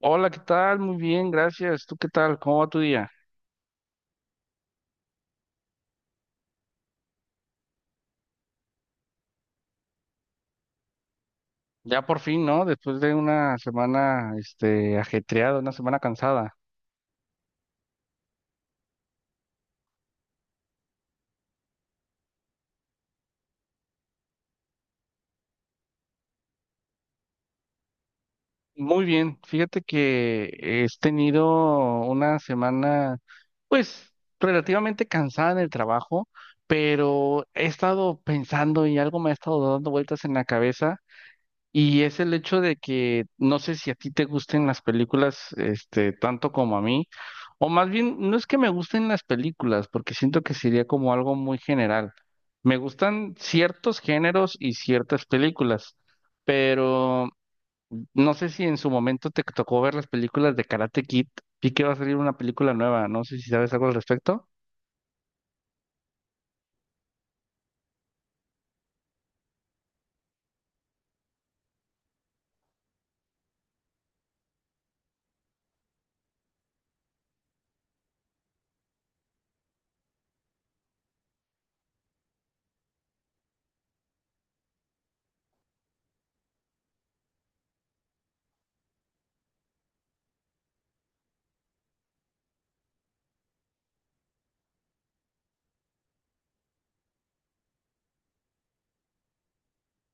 Hola, ¿qué tal? Muy bien, gracias. ¿Tú qué tal? ¿Cómo va tu día? Ya por fin, ¿no? Después de una semana, este, ajetreada, una semana cansada. Muy bien. Fíjate que he tenido una semana, pues, relativamente cansada en el trabajo, pero he estado pensando y algo me ha estado dando vueltas en la cabeza. Y es el hecho de que no sé si a ti te gusten las películas, este, tanto como a mí, o más bien, no es que me gusten las películas, porque siento que sería como algo muy general. Me gustan ciertos géneros y ciertas películas, pero no sé si en su momento te tocó ver las películas de Karate Kid. Vi que va a salir una película nueva. No sé si sabes algo al respecto.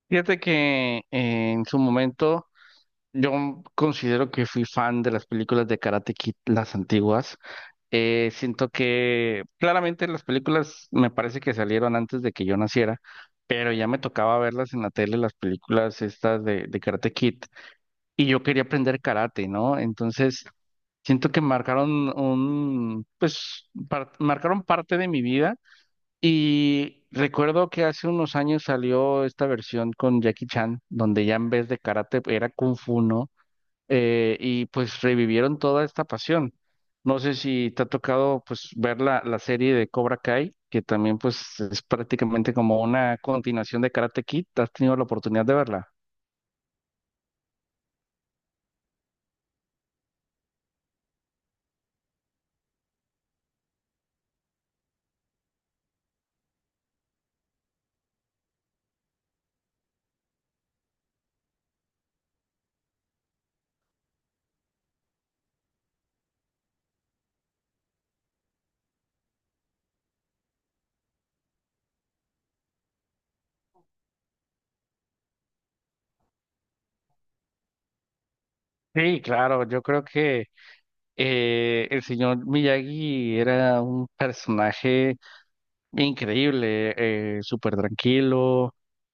Fíjate que en su momento yo considero que fui fan de las películas de Karate Kid, las antiguas. Siento que claramente las películas me parece que salieron antes de que yo naciera, pero ya me tocaba verlas en la tele, las películas estas de Karate Kid, y yo quería aprender karate, ¿no? Entonces, siento que marcaron un, pues, marcaron parte de mi vida y recuerdo que hace unos años salió esta versión con Jackie Chan, donde ya en vez de karate era kung fu, ¿no? Y pues revivieron toda esta pasión. No sé si te ha tocado pues ver la serie de Cobra Kai, que también pues es prácticamente como una continuación de Karate Kid. ¿Has tenido la oportunidad de verla? Sí, claro, yo creo que el señor Miyagi era un personaje increíble, súper tranquilo,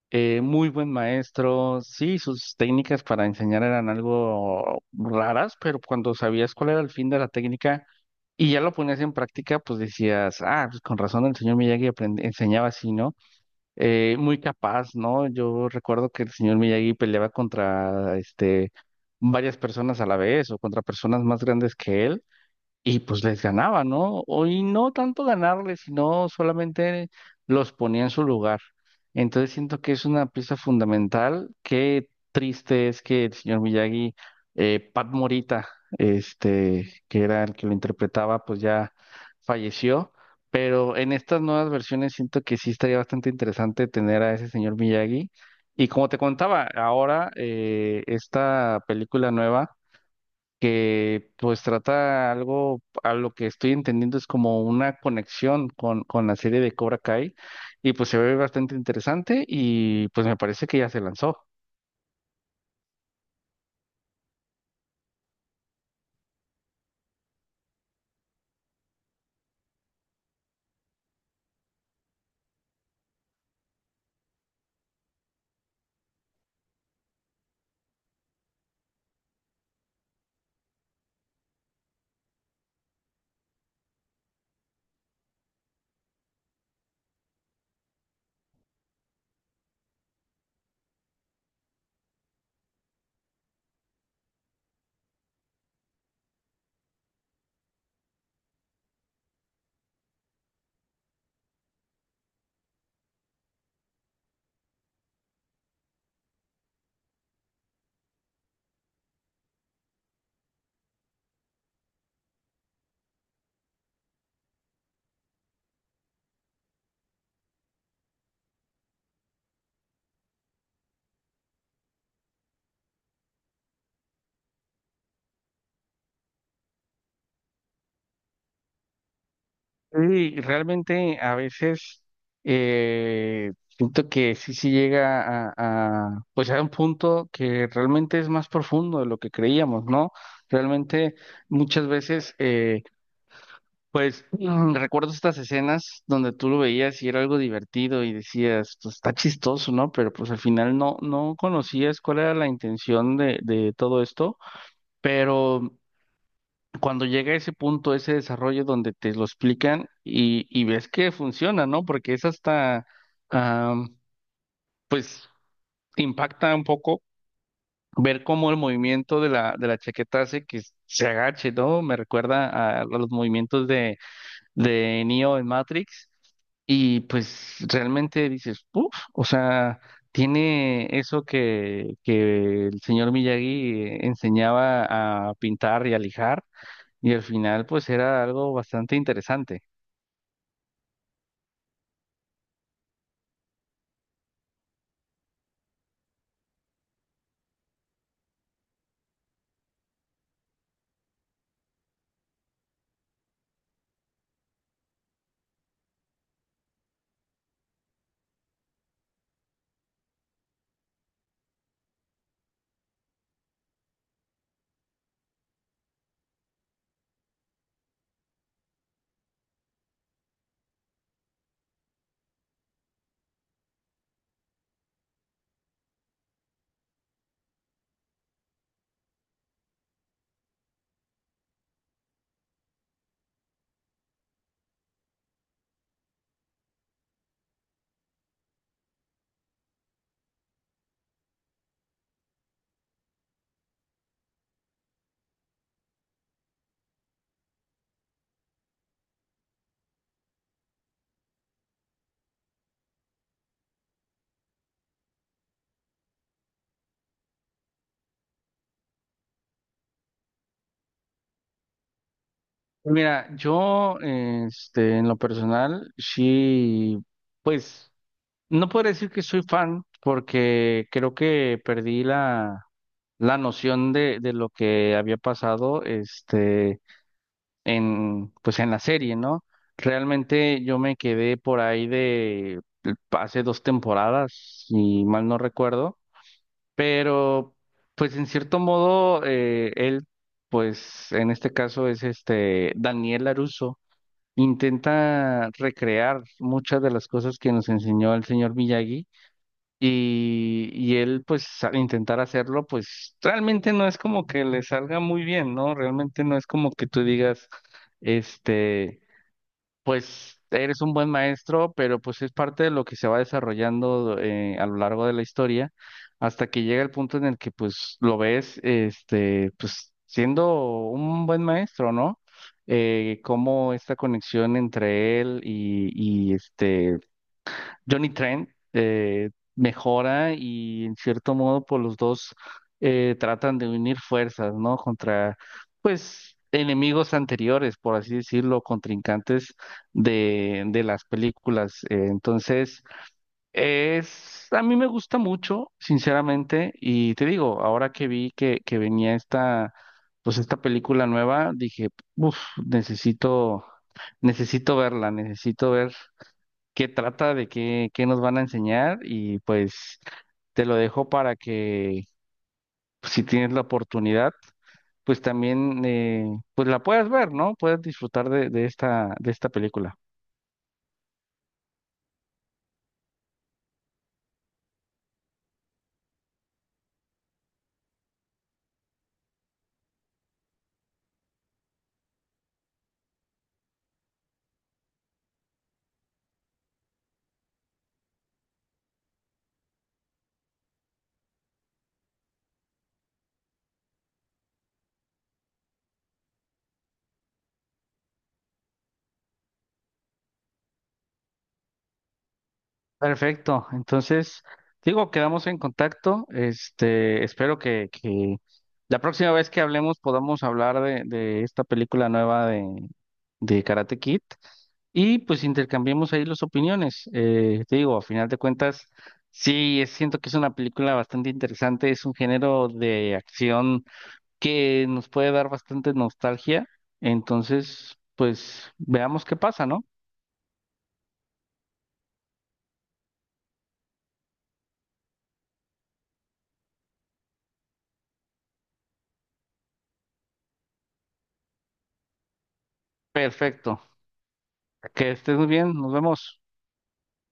muy buen maestro. Sí, sus técnicas para enseñar eran algo raras, pero cuando sabías cuál era el fin de la técnica y ya lo ponías en práctica, pues decías, ah, pues con razón el señor Miyagi enseñaba así, ¿no? Muy capaz, ¿no? Yo recuerdo que el señor Miyagi peleaba contra, este, varias personas a la vez o contra personas más grandes que él. Y pues les ganaba, ¿no? Y no tanto ganarles, sino solamente los ponía en su lugar. Entonces siento que es una pieza fundamental. Qué triste es que el señor Miyagi, Pat Morita, este, que era el que lo interpretaba, pues ya falleció. Pero en estas nuevas versiones siento que sí estaría bastante interesante tener a ese señor Miyagi. Y como te contaba, ahora esta película nueva que pues trata algo, a lo que estoy entendiendo es como una conexión con la serie de Cobra Kai y pues se ve bastante interesante y pues me parece que ya se lanzó. Y realmente a veces siento que sí, sí llega pues a un punto que realmente es más profundo de lo que creíamos, ¿no? Realmente muchas veces pues recuerdo estas escenas donde tú lo veías y era algo divertido y decías, pues está chistoso, ¿no? Pero pues al final no conocías cuál era la intención de todo esto, pero cuando llega ese punto, ese desarrollo donde te lo explican y ves que funciona, ¿no? Porque es hasta, ah, pues impacta un poco ver cómo el movimiento de la chaqueta hace que se agache, ¿no? Me recuerda a los movimientos de Neo en Matrix. Y pues realmente dices, uff, o sea, tiene eso que el señor Miyagi enseñaba a pintar y a lijar, y al final pues era algo bastante interesante. Pues, mira, yo este, en lo personal, sí, pues no puedo decir que soy fan, porque creo que perdí la noción de lo que había pasado, este en, pues en la serie, ¿no? Realmente yo me quedé por ahí de hace dos temporadas, si mal no recuerdo, pero pues en cierto modo pues en este caso es este Daniel LaRusso, intenta recrear muchas de las cosas que nos enseñó el señor Miyagi y él, pues, al intentar hacerlo, pues, realmente no es como que le salga muy bien, ¿no? Realmente no es como que tú digas, este, pues, eres un buen maestro, pero pues es parte de lo que se va desarrollando a lo largo de la historia, hasta que llega el punto en el que, pues, lo ves, este, pues, siendo un buen maestro, ¿no? Cómo esta conexión entre y este Johnny Trent mejora y en cierto modo por los dos tratan de unir fuerzas, ¿no? Contra, pues, enemigos anteriores, por así decirlo, contrincantes de las películas. Entonces, es, a mí me gusta mucho, sinceramente, y te digo, ahora que vi que venía esta, pues, esta película nueva, dije, uff, necesito, necesito verla, necesito ver qué trata, de qué, qué nos van a enseñar y pues te lo dejo para que pues, si tienes la oportunidad, pues también pues la puedas ver, ¿no? Puedes disfrutar de esta película. Perfecto. Entonces, digo, quedamos en contacto. Este, espero que la próxima vez que hablemos podamos hablar de esta película nueva de Karate Kid y pues intercambiemos ahí las opiniones. Te digo, a final de cuentas, sí, siento que es una película bastante interesante. Es un género de acción que nos puede dar bastante nostalgia. Entonces, pues veamos qué pasa, ¿no? Perfecto. Que estés muy bien. Nos vemos.